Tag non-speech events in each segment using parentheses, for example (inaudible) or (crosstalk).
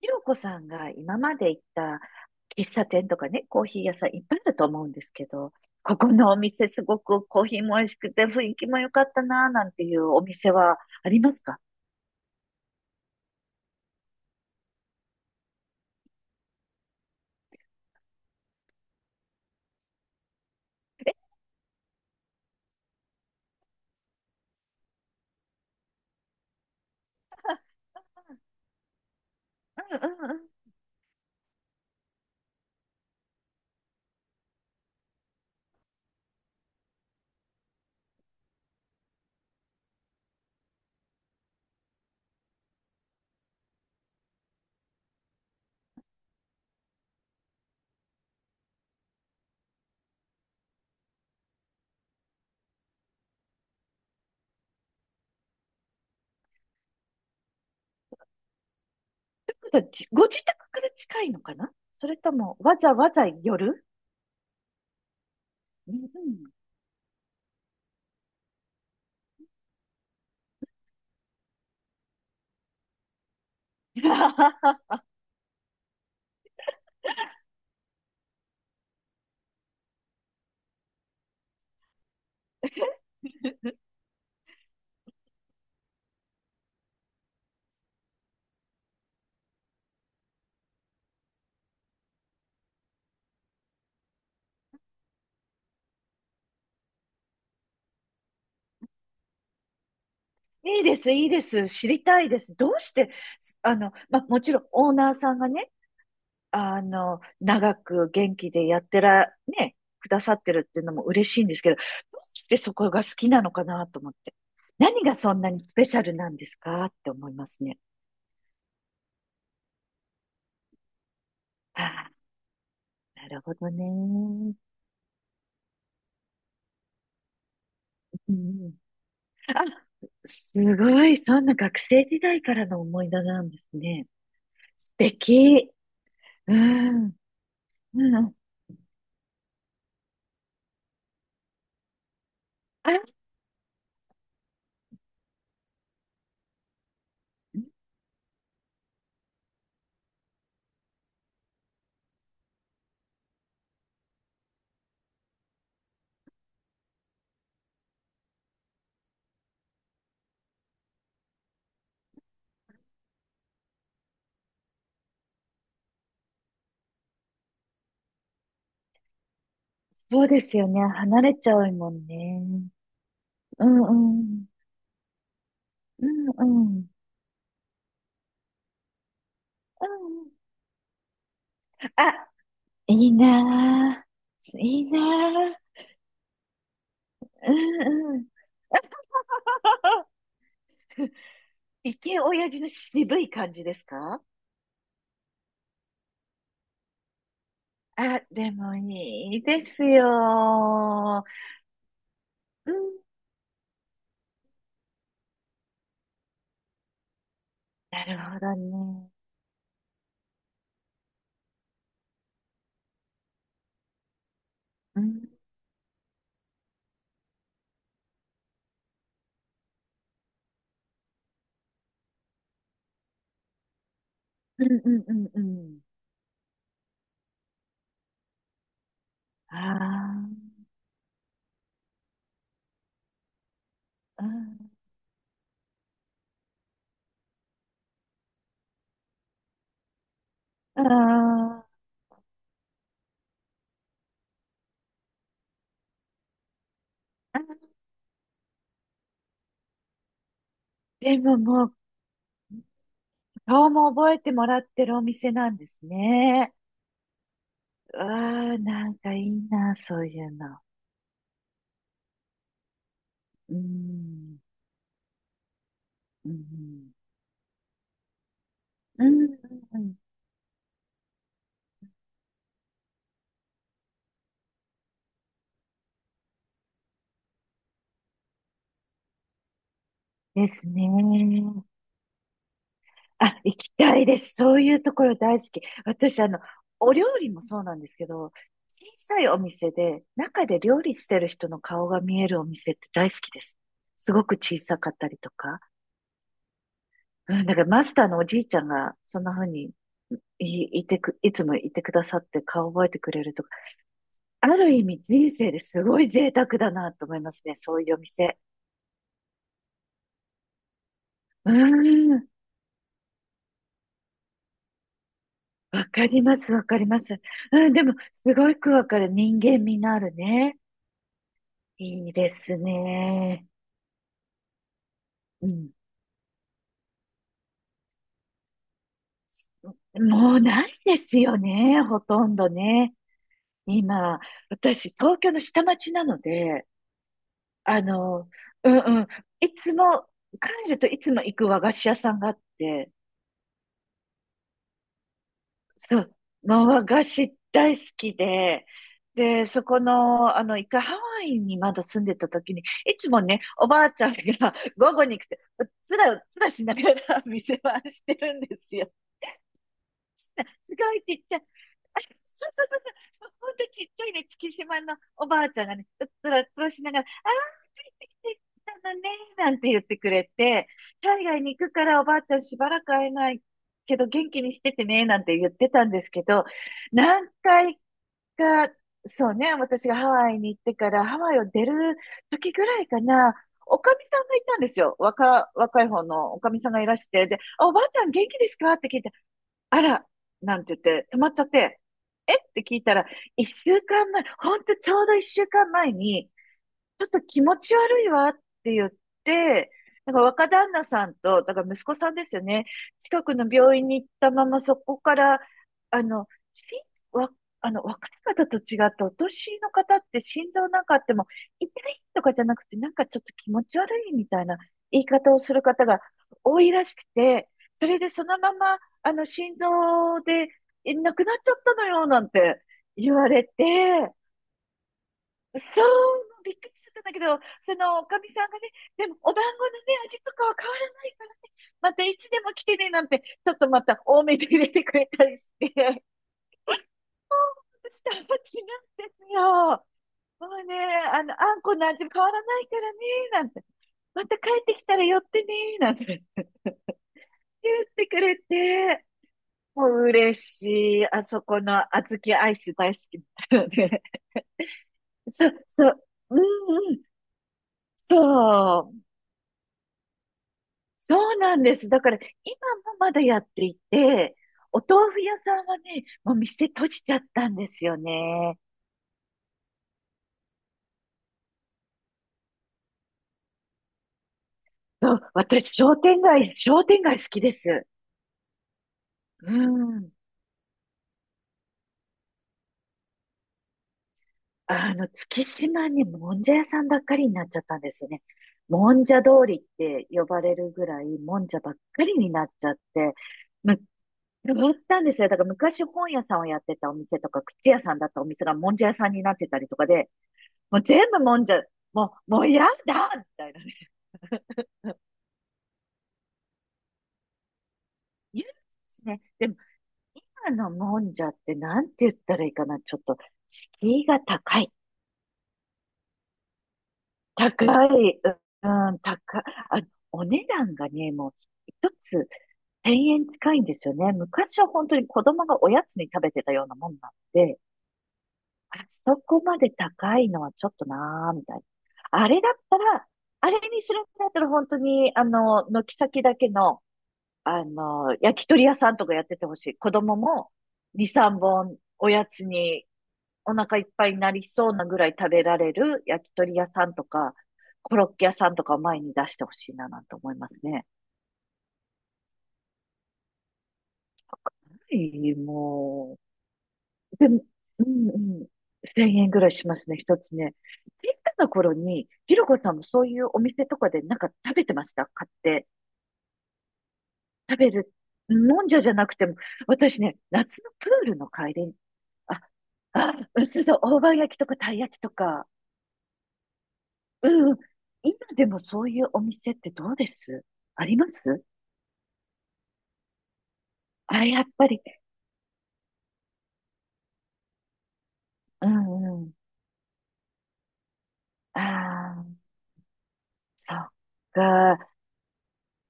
ひろこさんが今まで行った喫茶店とかね、コーヒー屋さんいっぱいあると思うんですけど、ここのお店すごくコーヒーも美味しくて雰囲気も良かったなぁなんていうお店はありますか？うんうんうん。ということはご自宅から近いのかな？それともわざわざ寄る？うんうん。 (laughs) いいです、いいです。知りたいです。どうして、もちろんオーナーさんがね、長く元気でやってら、ね、くださってるっていうのも嬉しいんですけど、どうしてそこが好きなのかなと思って。何がそんなにスペシャルなんですかって思いますね。ああ、なるほどね。うん、あ、すごい。そんな学生時代からの思い出なんですね。素敵。うん、うん。あ、そうですよね。離れちゃうもんね。うんうん。うんうん。うんうん。あ、いいなぁ。いいなぁ。うんうん。イケオヤジの渋い感じですか？あ、でもいいですよ。うん。なるほどね。うん。うんうんうんうん。ああ、うん。ああ。でももう、顔も覚えてもらってるお店なんですね。うわあ、なんかいいな、そういうの。うん。うんうん。うんうんですね。あ、行きたいです。そういうところ大好き。私、お料理もそうなんですけど、小さいお店で、中で料理してる人の顔が見えるお店って大好きです。すごく小さかったりとか。うん、だからマスターのおじいちゃんが、そんな風にいつもいてくださって顔覚えてくれるとか。ある意味人生ですごい贅沢だなと思いますね。そういうお店。うん。わかります、わかります。うん、でも、すごくわかる。人間味のあるね。いいですね。うん。もうないですよね、ほとんどね。今、私、東京の下町なので、あの、うんうん、いつも、帰るといつも行く和菓子屋さんがあって、そう、和菓子大好きで、で、そこの、一回ハワイにまだ住んでた時に、いつもね、おばあちゃんが (laughs) 午後に来て、うっつらうっつらしながら (laughs) 店番してるんですよ。すごいちっちゃい。(laughs) あそうそうそうそう。ほんとちっちゃいね、月島のおばあちゃんがね、うっつらうっつらしながら、ああ、帰ってきてたのね、なんて言ってくれて、海外に行くからおばあちゃんしばらく会えないけど元気にしててね、なんて言ってたんですけど、何回か、そうね、私がハワイに行ってからハワイを出る時ぐらいかな、おかみさんがいたんですよ。若い方のおかみさんがいらして、で、あ、おばあちゃん元気ですかって聞いて、あら、なんて言って、止まっちゃって、えって聞いたら、一週間前、ほんとちょうど一週間前に、ちょっと気持ち悪いわって言って、なんか若旦那さんと、だから息子さんですよね。近くの病院に行ったままそこから、あの、しわ、あの、若い方と違ってお年の方って心臓なんかあっても、痛いとかじゃなくて、なんかちょっと気持ち悪いみたいな言い方をする方が多いらしくて、それでそのまま、心臓で亡くなっちゃったのよ、なんて言われて、そう、もうびっくりしちゃったんだけど、そのおかみさんがね、でもお団子のね、味とかは変わらないからね、またいつでも来てね、なんて、ちょっとまた多めで入れてくれたりして、(laughs) 下町なんですよ。もうね、あんこの味変わらないからね、なんて、また帰ってきたら寄ってね、なんて言ってくれて、もう嬉しい。あそこの小豆アイス大好きだったので、(laughs) そう、そう、うんうん、そう、そうなんです。だから今もまだやっていて、お豆腐屋さんはね、もう店閉じちゃったんですよね。そう、私、商店街好きです。うん。月島にもんじゃ屋さんばっかりになっちゃったんですよね。もんじゃ通りって呼ばれるぐらい、もんじゃばっかりになっちゃって、む、変わったんですよ。だから昔本屋さんをやってたお店とか、靴屋さんだったお店がもんじゃ屋さんになってたりとかで、もう全部もんじゃ、もう、もう嫌だみたいなね。(laughs) 言うんですね。でも、今のもんじゃってなんて言ったらいいかな。ちょっと、敷居が高い。高い。うん、高い。あ、お値段がね、もう、一つ千円近いんですよね。昔は本当に子供がおやつに食べてたようなもんなんで、あそこまで高いのはちょっとなーみたいな。あれだったら、あれにするんだったら本当に、軒先だけの、焼き鳥屋さんとかやっててほしい。子供も2、3本おやつにお腹いっぱいになりそうなぐらい食べられる焼き鳥屋さんとか、コロッケ屋さんとかを前に出してほしいななんて思いますね。はい、もう、でも、うんうん。1000円ぐらいしますね、一つね。小さな頃に、ひろこさんもそういうお店とかでなんか食べてました買って？食べる。もんじゃじゃなくても、私ね、夏のプールの帰りあ、あ、うんそうそう、大判焼きとかたい焼きとか。うんうん。今でもそういうお店ってどうです？ありますあ、やっぱり。うんうん。ああ、そっか。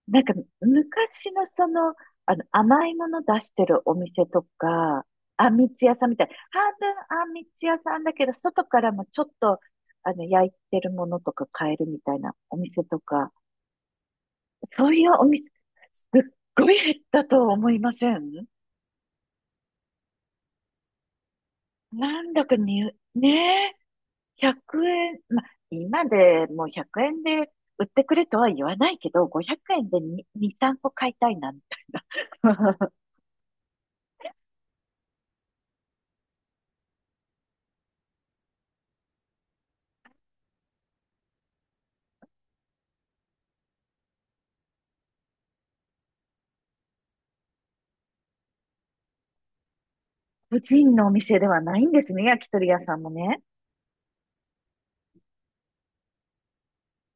なんか、昔の甘いもの出してるお店とか、あんみつ屋さんみたい。半分あんみつ屋さんだけど、外からもちょっと、焼いてるものとか買えるみたいなお店とか、そういうお店、すっごい減ったとは思いません？なんだかに、ねえ、100円、まあ、今でもう100円で売ってくれとは言わないけど、500円で2、2、3個買いたいなんて。(laughs) 個人のお店ではないんですね、焼き鳥屋さんもね。